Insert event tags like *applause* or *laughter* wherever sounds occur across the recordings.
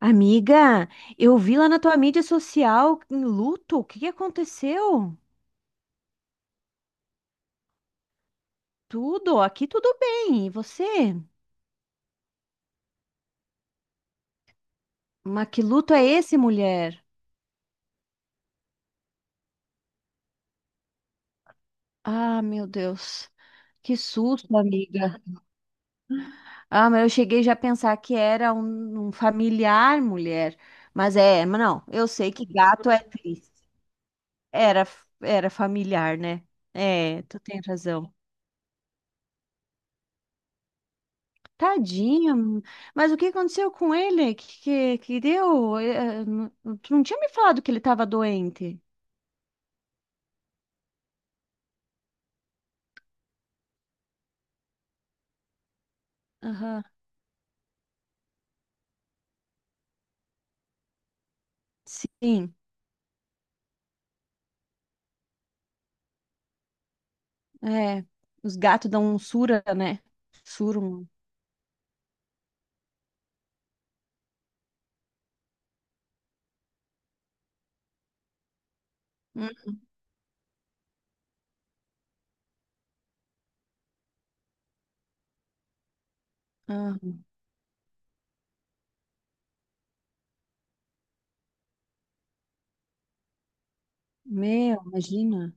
Amiga, eu vi lá na tua mídia social em luto. O que que aconteceu? Tudo, aqui tudo bem. E você? Mas que luto é esse, mulher? Ah, meu Deus. Que susto, amiga. Ah, mas eu cheguei já a pensar que era um familiar, mulher. Mas é, mas não, eu sei que gato é triste. Era, era familiar, né? É, tu tem razão. Tadinho, mas o que aconteceu com ele? Que deu? Tu não tinha me falado que ele estava doente? Aham. Sim, é. Os gatos dão um sura, né? Surum. Hum. Aham. Meu, imagina.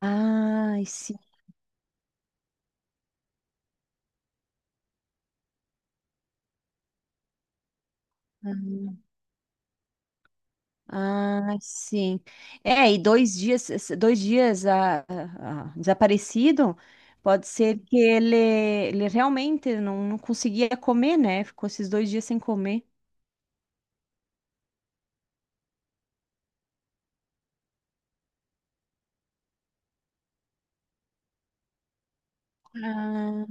Ai, sim. Aham. Ai, sim. É, e dois dias desaparecido, pode ser que ele realmente não conseguia comer, né? Ficou esses dois dias sem comer. Ah,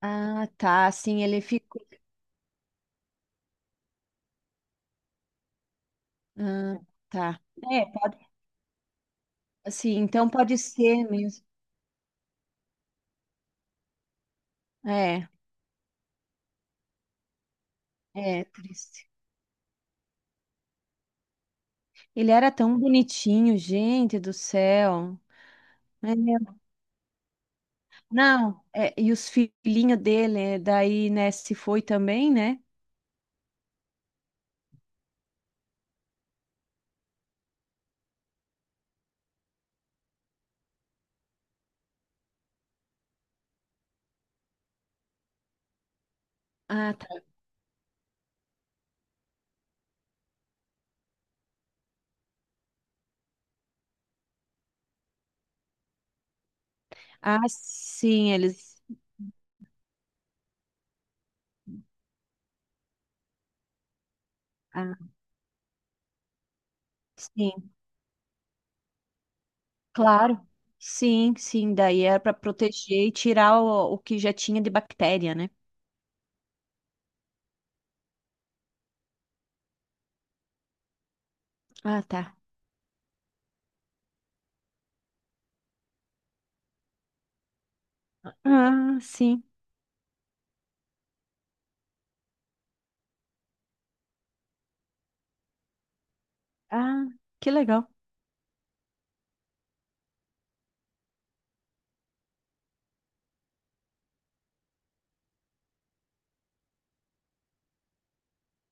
ah, tá. Assim ele ficou. Ah, tá. É, pode. Assim, então pode ser mesmo. É, é triste. Ele era tão bonitinho, gente do céu. É, não, é, e os filhinhos dele, é, daí, né, se foi também, né? Ah, tá. Ah, sim, eles. Ah, sim, claro. Sim, sim, daí era para proteger e tirar o que já tinha de bactéria, né? Ah, tá. Ah, sim. Ah, que legal.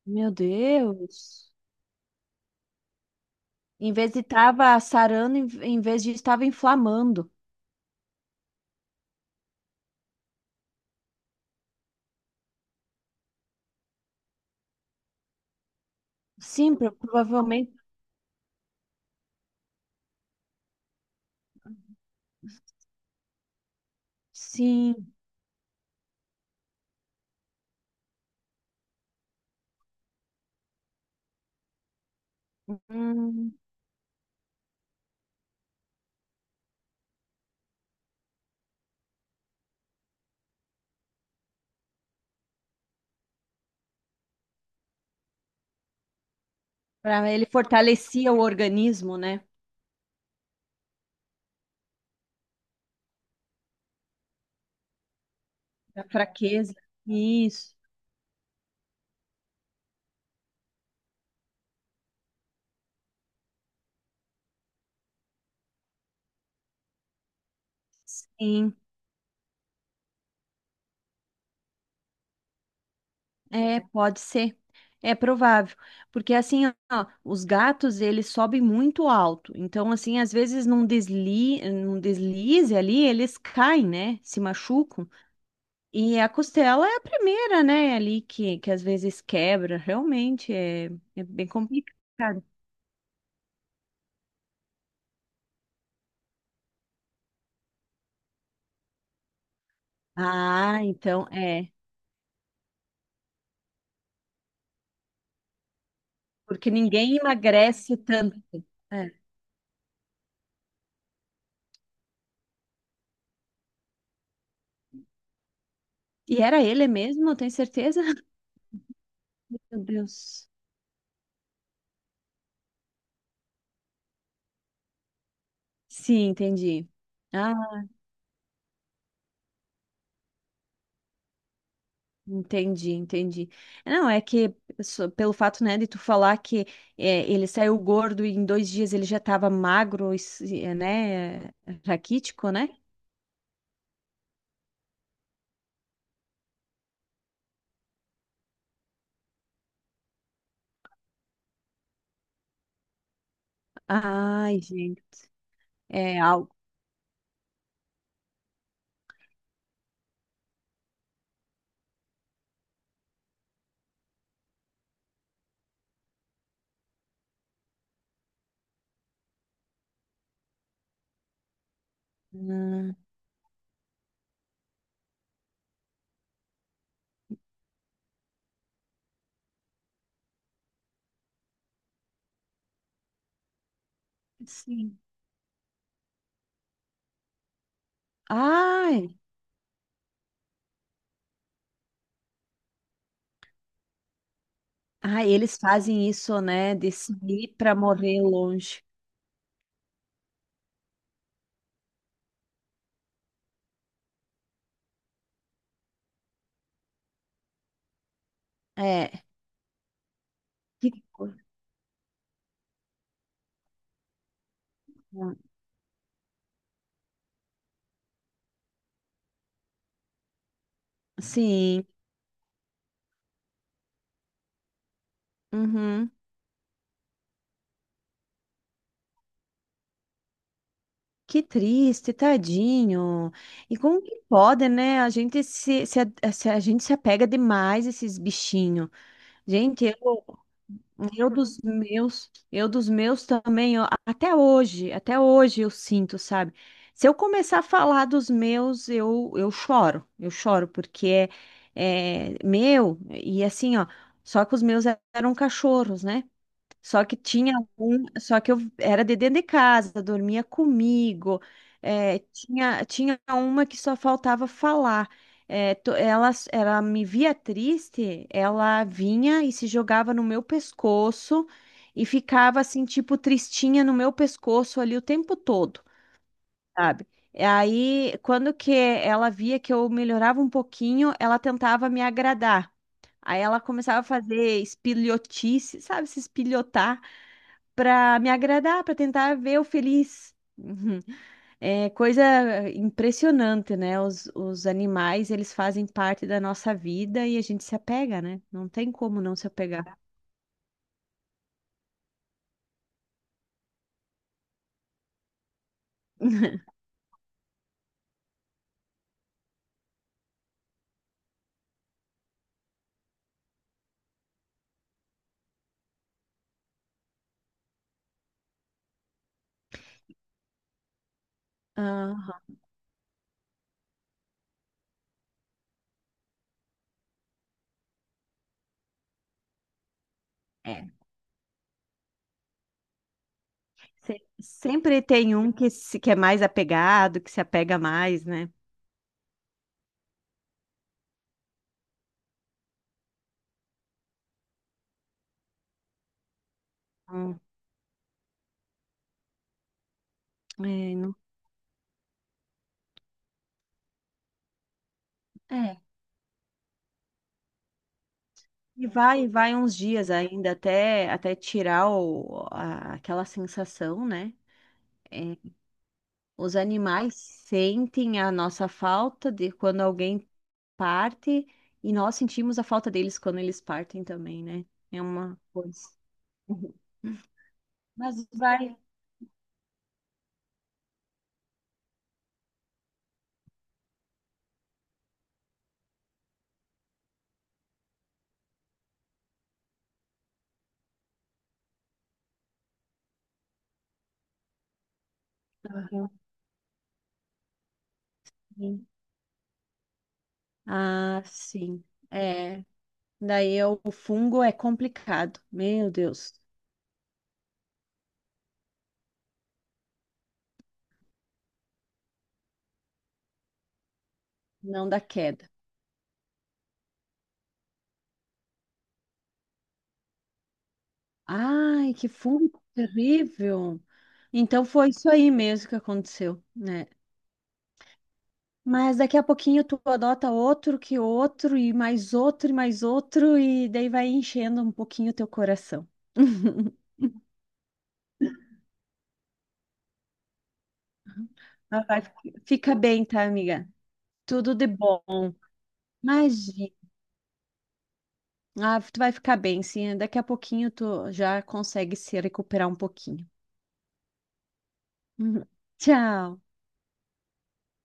Meu Deus. Em vez de estava sarando, em vez de estava inflamando. Sim, pro- provavelmente. Sim. Hum, pra- ele fortalecia o organismo, né? A fraqueza. Isso. Sim. É, pode ser. É provável. Porque assim, ó, os gatos, eles sobem muito alto. Então, assim, às vezes num desli, num deslize ali, eles caem, né? Se machucam. E a costela é a primeira, né, ali que às vezes quebra, realmente é, é bem complicado. Ah, então é, porque ninguém emagrece tanto. É. E era ele mesmo, tem certeza? *laughs* Meu Deus. Sim, entendi. Ah, entendi, entendi. Não, é que só pelo fato, né, de tu falar que é, ele saiu gordo e em dois dias ele já estava magro, e é, né, raquítico, né? Ai, gente, é algo. Ah. Sim. Ai, ai, eles fazem isso, né? De sair para morrer longe. É. Que coisa. Sim. Uhum. Que triste, tadinho. E como que pode, né? A gente se a gente se apega demais a esses bichinhos. Gente, eu dos meus, eu dos meus também, ó, até hoje eu sinto, sabe? Se eu começar a falar dos meus, eu choro, porque é, é meu, e assim, ó, só que os meus eram cachorros, né? Só que tinha um, só que eu era de dentro de casa, dormia comigo. É, tinha, tinha uma que só faltava falar. É, ela, ela me via triste, ela vinha e se jogava no meu pescoço e ficava assim, tipo, tristinha no meu pescoço ali o tempo todo, sabe? E aí, quando que ela via que eu melhorava um pouquinho, ela tentava me agradar. Aí ela começava a fazer espilhotice, sabe, se espilhotar para me agradar, para tentar ver o feliz. Uhum. É coisa impressionante, né? Os animais, eles fazem parte da nossa vida e a gente se apega, né? Não tem como não se apegar. Aham. É. Sempre tem um que, se, que é mais apegado, que se apega mais, né? Hum. É, não- É. E vai, vai uns dias ainda até, até tirar aquela sensação, né? É, os animais sentem a nossa falta de quando alguém parte e nós sentimos a falta deles quando eles partem também, né? É uma coisa. Uhum. Mas vai. Aham. Ah, sim. É. O fungo é complicado. Meu Deus, não dá queda. Ai, que fungo terrível. Então foi isso aí mesmo que aconteceu, né? Mas daqui a pouquinho tu adota outro que outro, e mais outro, e mais outro, e daí vai enchendo um pouquinho o teu coração. *laughs* Mas vai, fica bem, tá, amiga? Tudo de bom. Imagina. Ah, tu vai ficar bem, sim. Daqui a pouquinho tu já consegue se recuperar um pouquinho. *laughs* Tchau.